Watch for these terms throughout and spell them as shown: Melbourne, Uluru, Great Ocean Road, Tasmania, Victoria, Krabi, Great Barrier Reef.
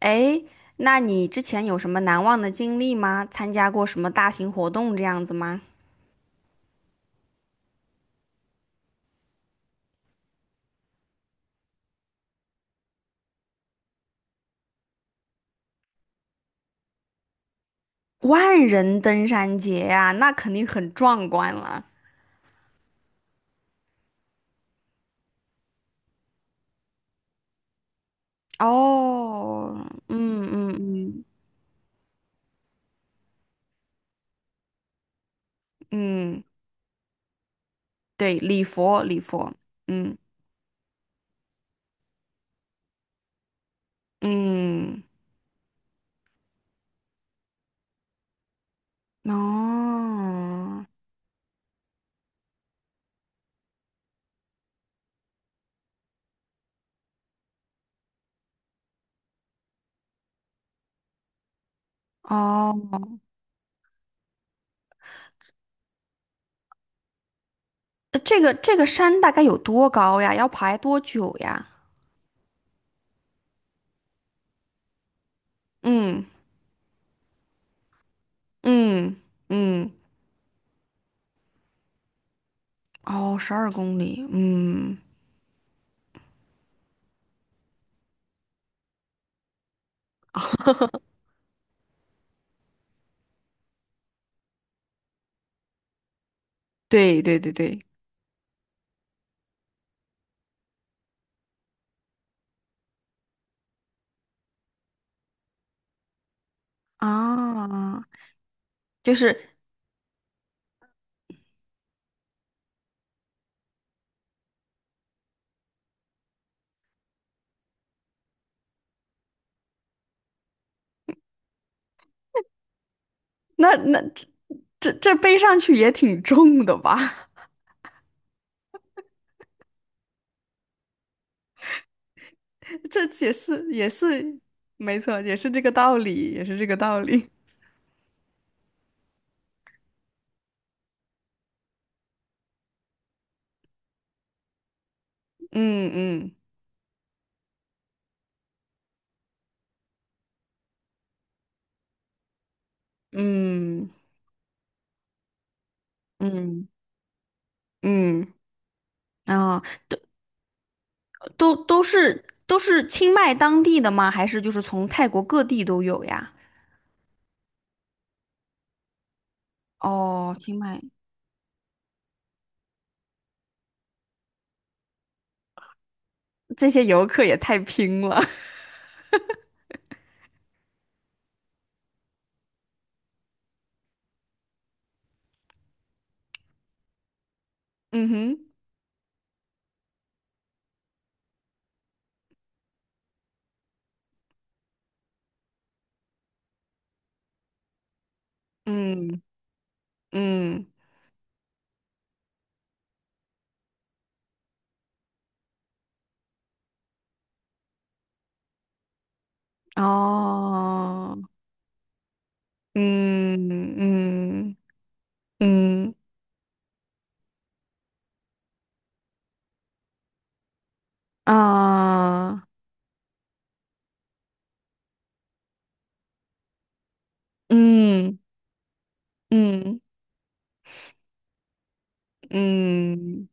哎，那你之前有什么难忘的经历吗？参加过什么大型活动这样子吗？万人登山节呀，那肯定很壮观了。哦，嗯嗯嗯嗯，对，礼佛礼佛，嗯嗯，哦哦，这个山大概有多高呀？要爬多久呀？嗯嗯嗯，哦，十二公里，嗯，对对对对。啊，就是那那这这这背上去也挺重的吧？这也是没错，也是这个道理，也是这个道理。嗯嗯嗯嗯嗯啊，都是清迈当地的吗？还是就是从泰国各地都有呀？哦，清迈这些游客也太拼了。嗯哼，嗯嗯，哦，嗯嗯。嗯啊，嗯嗯嗯，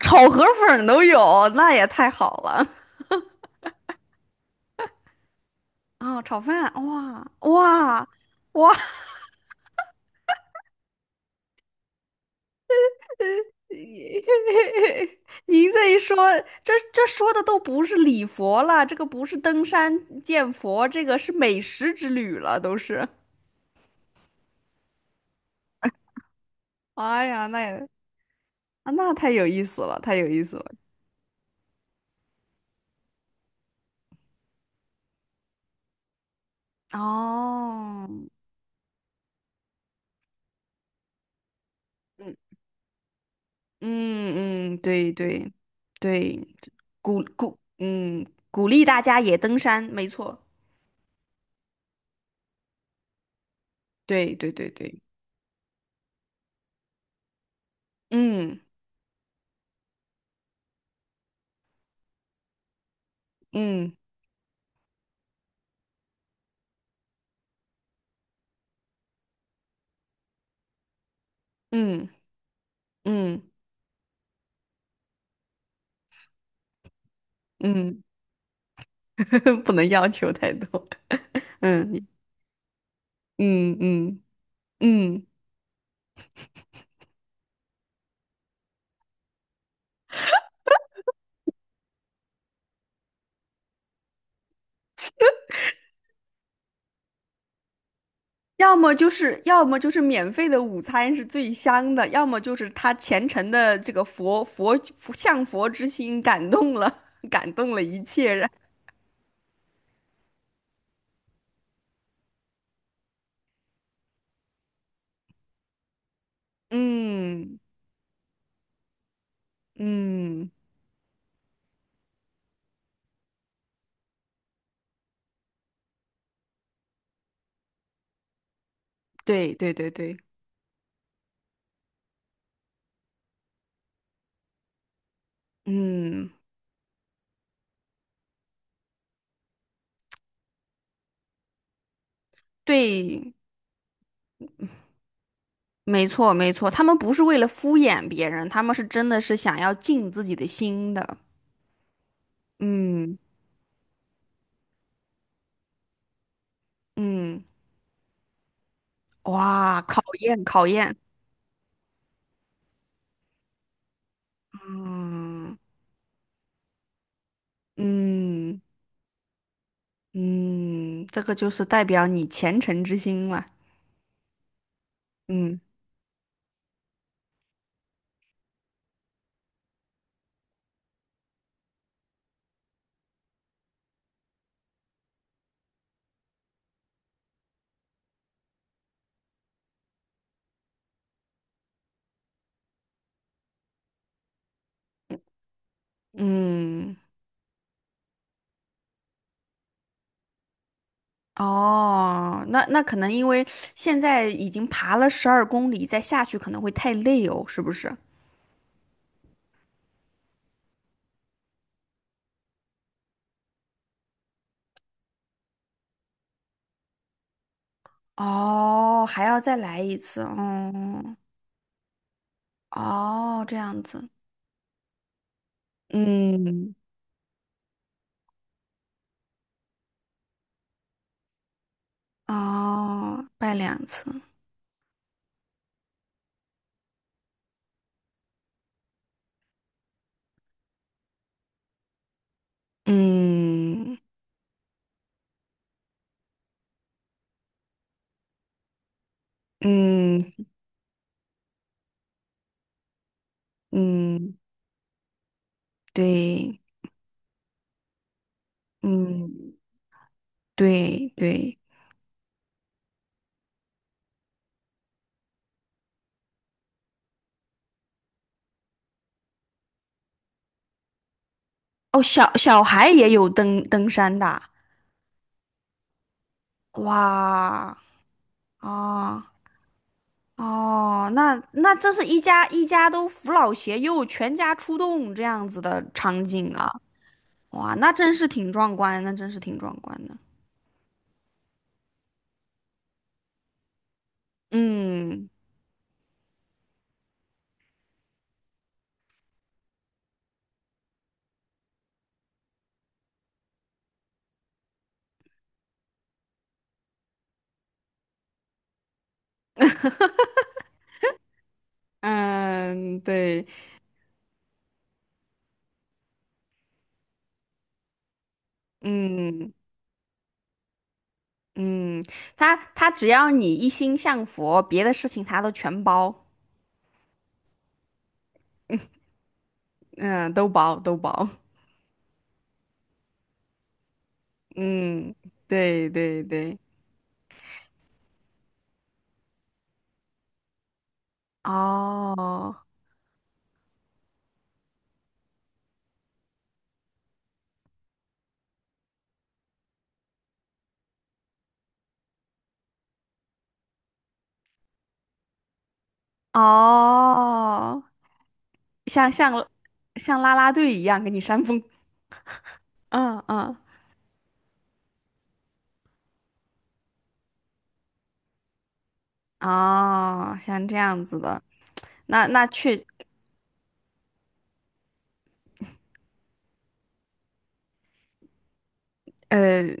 炒河粉儿都有，那也太好了啊！炒饭，哇哇哇！您这一说，这说的都不是礼佛了，这个不是登山见佛，这个是美食之旅了，都是。哎呀，那也啊，那太有意思了，太有意思了。哦，嗯。嗯嗯，对对对，鼓励大家也登山，没错，对对对对，嗯嗯嗯嗯嗯，不能要求太多，嗯嗯嗯嗯，要么就是免费的午餐是最香的，要么就是他虔诚的这个佛佛佛向佛之心感动了，感动了一切人，嗯嗯，对对对对。嗯，对，没错没错，他们不是为了敷衍别人，他们是真的是想要尽自己的心的。嗯嗯，哇，考验考验，嗯嗯嗯，这个就是代表你虔诚之心了。嗯嗯，哦，那可能因为现在已经爬了十二公里，再下去可能会太累哦，是不是？哦，还要再来一次，哦。哦，这样子，嗯哦，拜2次，嗯嗯嗯，对，嗯对对，哦，小孩也有登山的啊哇，哦哦，那这是一家一家都扶老携幼，全家出动这样子的场景啊，哇，那真是挺壮观，那真是挺壮观的，嗯嗯，对，嗯。嗯，他只要你一心向佛，别的事情他都全包，嗯，都包都包，嗯，对对对，哦哦，像像像啦啦队一样给你扇风，嗯嗯，哦，像这样子的，那那确呃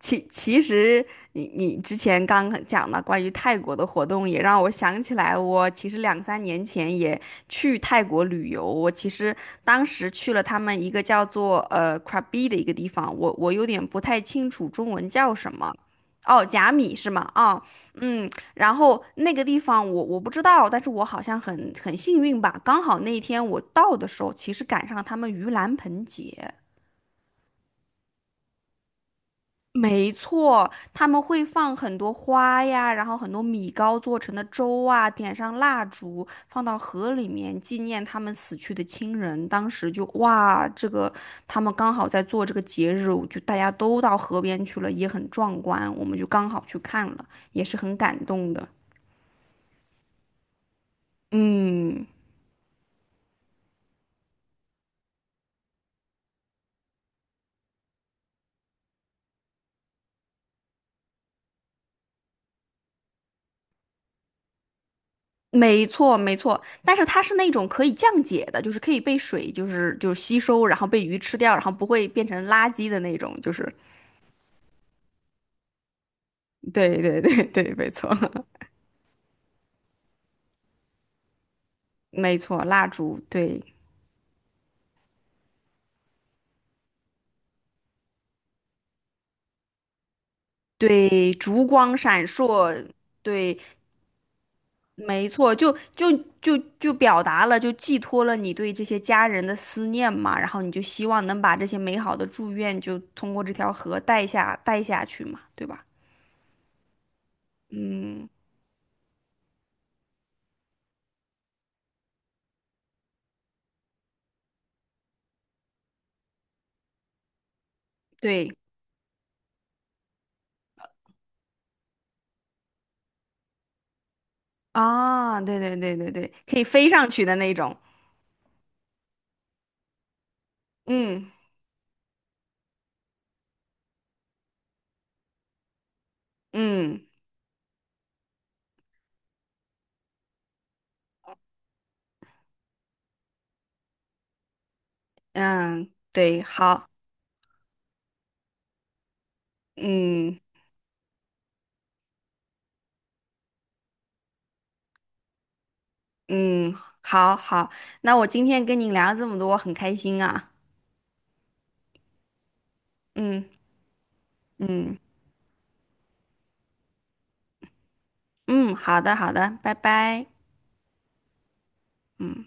其其实你之前刚讲的关于泰国的活动，也让我想起来，我其实两三年前也去泰国旅游。我其实当时去了他们一个叫做Krabi 的一个地方，我有点不太清楚中文叫什么。哦，甲米是吗？哦，嗯，然后那个地方我不知道，但是我好像很幸运吧，刚好那一天我到的时候，其实赶上他们盂兰盆节。没错，他们会放很多花呀，然后很多米糕做成的粥啊，点上蜡烛，放到河里面纪念他们死去的亲人。当时就哇，这个他们刚好在做这个节日，就大家都到河边去了，也很壮观，我们就刚好去看了，也是很感动的。嗯，没错没错，但是它是那种可以降解的，就是可以被水就是吸收，然后被鱼吃掉，然后不会变成垃圾的那种，就是。对对对对，没错，没错，蜡烛，对对，烛光闪烁，对，没错，就表达了，就寄托了你对这些家人的思念嘛，然后你就希望能把这些美好的祝愿，就通过这条河带下去嘛，对吧？嗯，对啊，对对对对对，可以飞上去的那种，嗯嗯嗯，对，好，嗯。嗯，好好，那我今天跟你聊这么多，我很开心啊。嗯嗯嗯，好的好的，拜拜。嗯。